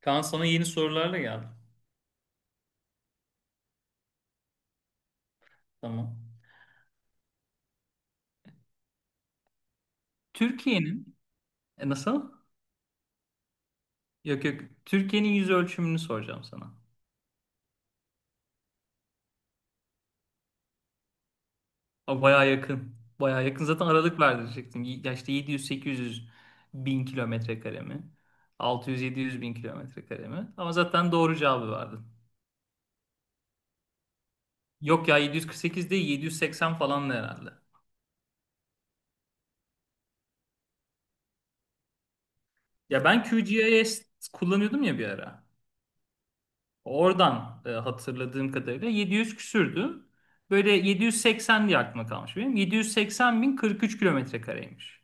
Kaan sana yeni sorularla geldim. Tamam. Türkiye'nin nasıl? Yok yok. Türkiye'nin yüz ölçümünü soracağım sana. Aa, bayağı yakın. Bayağı yakın. Zaten aralık verdirecektim. Ya işte 700-800 bin kilometre kare mi? 600-700 bin kilometre kare mi? Ama zaten doğru cevabı verdin. Yok ya 748 değil 780 falan da herhalde. Ya ben QGIS kullanıyordum ya bir ara. Oradan hatırladığım kadarıyla 700 küsürdü. Böyle 780 diye aklıma kalmış benim. 780 bin 43 kilometre kareymiş.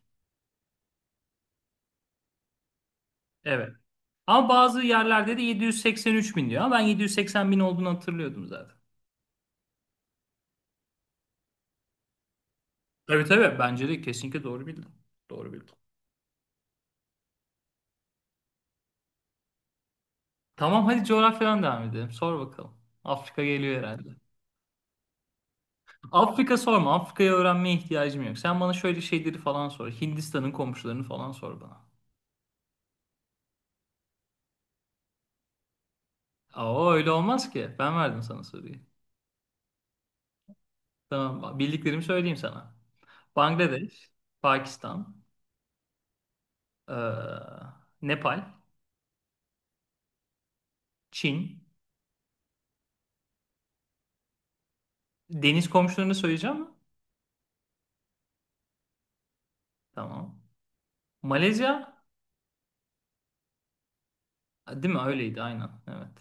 Evet. Ama bazı yerlerde de 783 bin diyor. Ama ben 780 bin olduğunu hatırlıyordum zaten. Tabii tabii. Bence de kesinlikle doğru bildim. Doğru bildim. Tamam, hadi coğrafyadan devam edelim. Sor bakalım. Afrika geliyor herhalde. Afrika sorma. Afrika'yı öğrenmeye ihtiyacım yok. Sen bana şöyle şeyleri falan sor. Hindistan'ın komşularını falan sor bana. Aa, öyle olmaz ki. Ben verdim sana soruyu. Tamam, bildiklerimi söyleyeyim sana. Bangladeş, Pakistan, eee, Nepal, Çin. Deniz komşularını söyleyeceğim mi? Tamam. Malezya, değil mi? Öyleydi, aynen. Evet.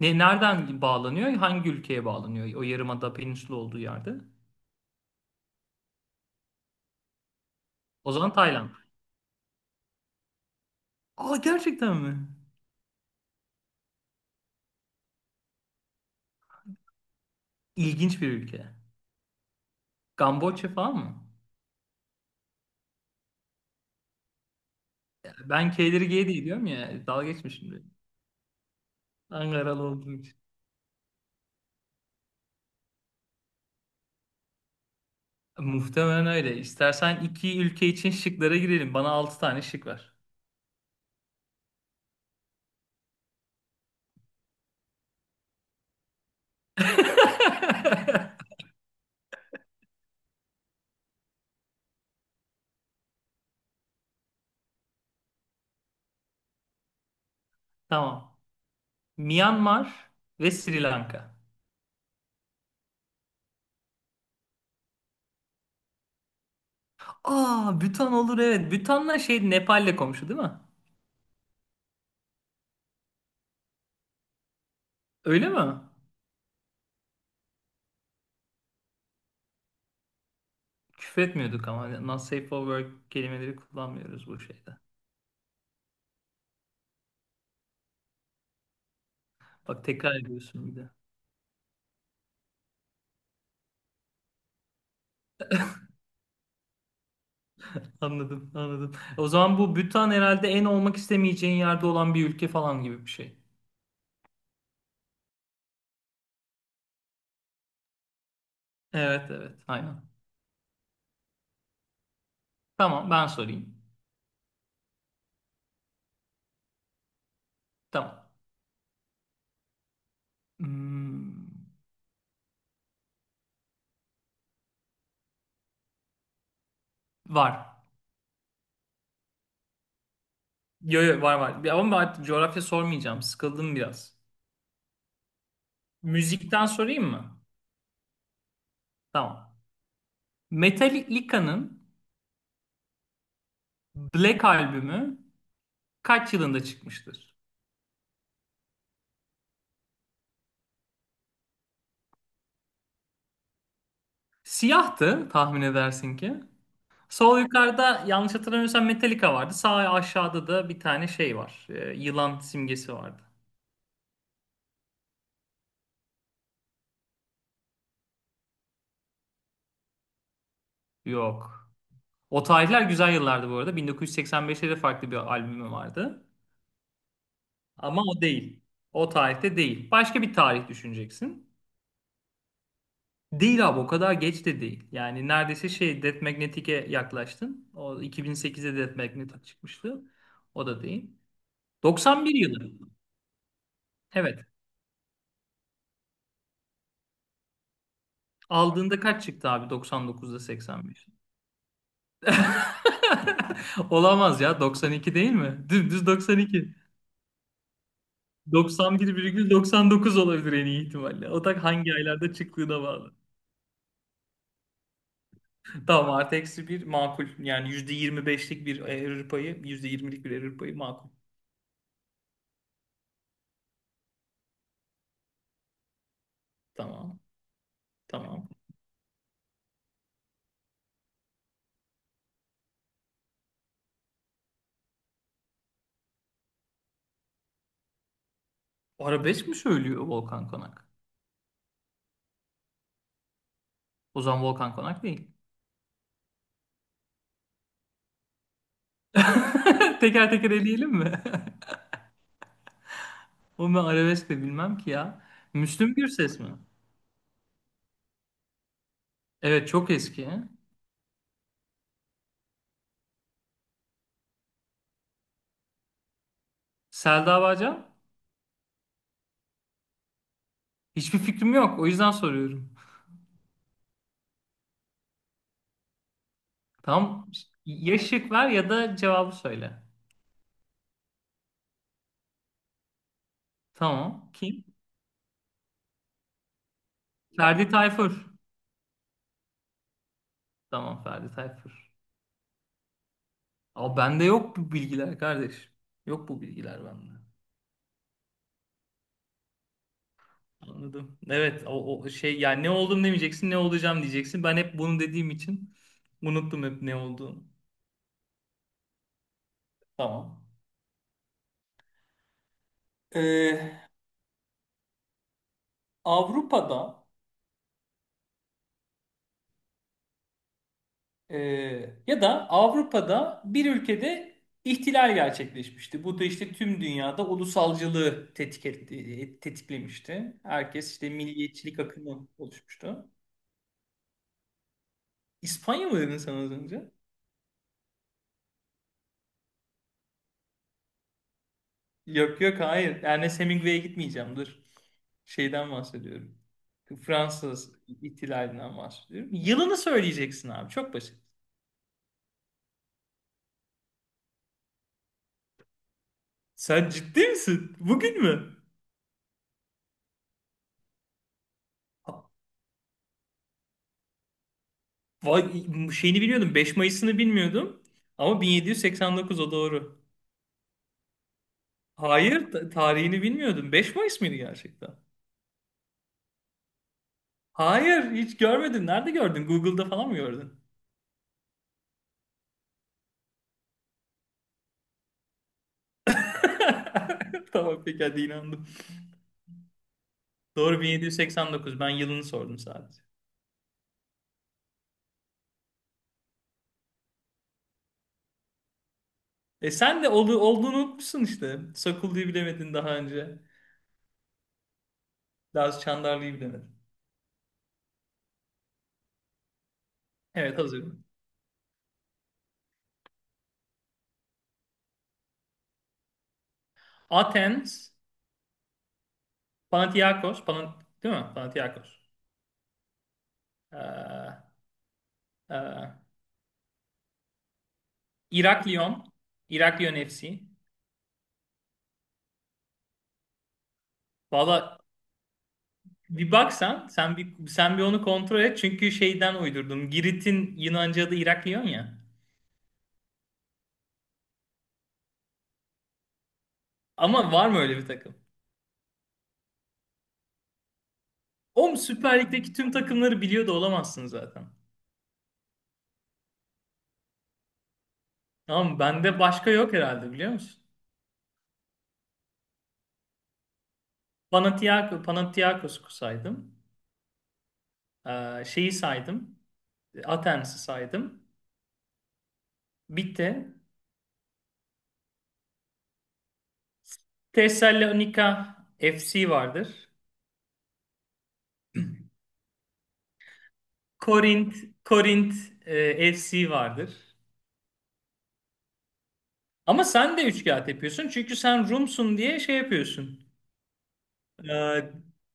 Nereden bağlanıyor? Hangi ülkeye bağlanıyor? O yarımada peninsula olduğu yerde. O zaman Tayland. Aa, gerçekten mi? İlginç bir ülke. Kamboçya falan mı? Ben K'leri G diye diyorum ya. Dalga geçmişim şimdi. Ankaralı olduğum için. Muhtemelen öyle. İstersen iki ülke için şıklara girelim. Bana altı tane şık ver. Tamam. Myanmar ve Sri Lanka. Aa, Bhutan olur evet. Bhutan'la şey Nepal'le komşu değil mi? Öyle mi? Küfretmiyorduk ama not safe for work kelimeleri kullanmıyoruz bu şeyde. Bak, tekrar ediyorsun bir de. Anladım, anladım. O zaman bu Bhutan herhalde en olmak istemeyeceğin yerde olan bir ülke falan gibi bir şey. Evet, evet, aynen. Tamam, ben sorayım. Tamam. Hmm. Var. Yo, yo, var var. Ama artık coğrafya sormayacağım. Sıkıldım biraz. Müzikten sorayım mı? Tamam. Metallica'nın Black albümü kaç yılında çıkmıştır? Siyahtı, tahmin edersin ki. Sol yukarıda, yanlış hatırlamıyorsam, Metallica vardı. Sağ aşağıda da bir tane şey var. Yılan simgesi vardı. Yok. O tarihler güzel yıllardı bu arada. 1985'te de farklı bir albümü vardı. Ama o değil. O tarihte değil. Başka bir tarih düşüneceksin. Değil abi, o kadar geç de değil. Yani neredeyse şey Death Magnetic'e yaklaştın. O, 2008'de Death Magnetic çıkmıştı. O da değil. 91 yılı. Evet. Aldığında kaç çıktı abi, 99'da 85? Olamaz ya, 92 değil mi? Dümdüz 92. 91,99 olabilir en iyi ihtimalle. O da hangi aylarda çıktığına bağlı. Tamam, artı eksi bir makul. Yani %25'lik bir error payı, %20'lik bir error payı makul. Tamam. Tamam. Arabesk mi söylüyor Volkan Konak? O zaman Volkan Konak değil. Teker teker eleyelim mi? Onu ben arabesk de bilmem ki ya. Müslüm Gürses mi? Evet, çok eski. Selda Bağcan? Hiçbir fikrim yok. O yüzden soruyorum. Tamam. Ya şık ver ya da cevabı söyle. Tamam. Kim? Ferdi Tayfur. Tamam, Ferdi Tayfur. Ama bende yok bu bilgiler kardeş. Yok bu bilgiler bende. Anladım. Evet, o şey yani, ne oldum demeyeceksin, ne olacağım diyeceksin. Ben hep bunu dediğim için unuttum hep ne olduğumu. Tamam. Ee, Avrupa'da e, ya da Avrupa'da bir ülkede ihtilal gerçekleşmişti. Bu da işte tüm dünyada ulusalcılığı tetiklemişti. Herkes işte milliyetçilik akımı oluşmuştu. İspanya mı dedin sen az önce? Yok yok, hayır. Ernest Hemingway'e gitmeyeceğim. Dur. Şeyden bahsediyorum. Fransız ihtilalinden bahsediyorum. Yılını söyleyeceksin abi. Çok basit. Sen ciddi misin? Bugün mü? Vay, şeyini biliyordum, 5 Mayıs'ını bilmiyordum. Ama 1789 o doğru. Hayır, tarihini bilmiyordum. 5 Mayıs mıydı gerçekten? Hayır, hiç görmedin. Nerede gördün? Google'da falan mı gördün? Tamam peki, hadi inandım. Doğru, 1789. Ben yılını sordum sadece. E sen de olduğunu unutmuşsun işte. Sakullu'yu bilemedin daha önce. Daha Çandarlı'yı bilemedin. Evet, hazırım. Athens, Panathinaikos, değil mi? Panathinaikos. Ee, e, Iraklion, Iraklion FC. Valla bir baksan sen bir, onu kontrol et. Çünkü şeyden uydurdum. Girit'in Yunanca adı Iraklion ya. Ama var mı öyle bir takım? Oğlum, Süper Lig'deki tüm takımları biliyor da olamazsın zaten. Tamam mı? Bende başka yok herhalde, biliyor musun? Panathinaikos'u saydım. Şeyi saydım. Athens'i saydım. Bitti. Thessalonica FC vardır. Korint, Korint FC vardır. Ama sen de üç kağıt yapıyorsun. Çünkü sen Rumsun diye şey yapıyorsun. Ee,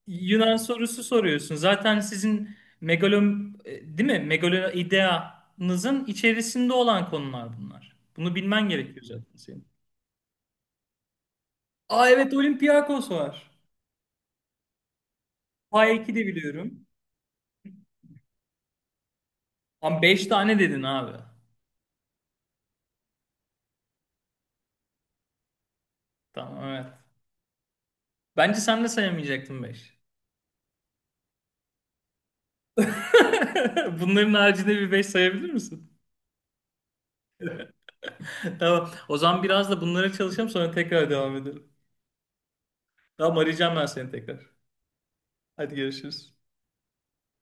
Yunan sorusu soruyorsun. Zaten sizin değil mi? Megaloideanızın içerisinde olan konular bunlar. Bunu bilmen gerekiyor zaten senin. Aa, evet, Olympiakos var. Pay 2 de biliyorum. Ama 5 tane dedin abi. Tamam, evet. Bence sen de sayamayacaktın 5. Bunların haricinde bir 5 sayabilir misin? Tamam. O zaman biraz da bunlara çalışalım, sonra tekrar devam edelim. Tamam, arayacağım ben seni tekrar. Hadi görüşürüz.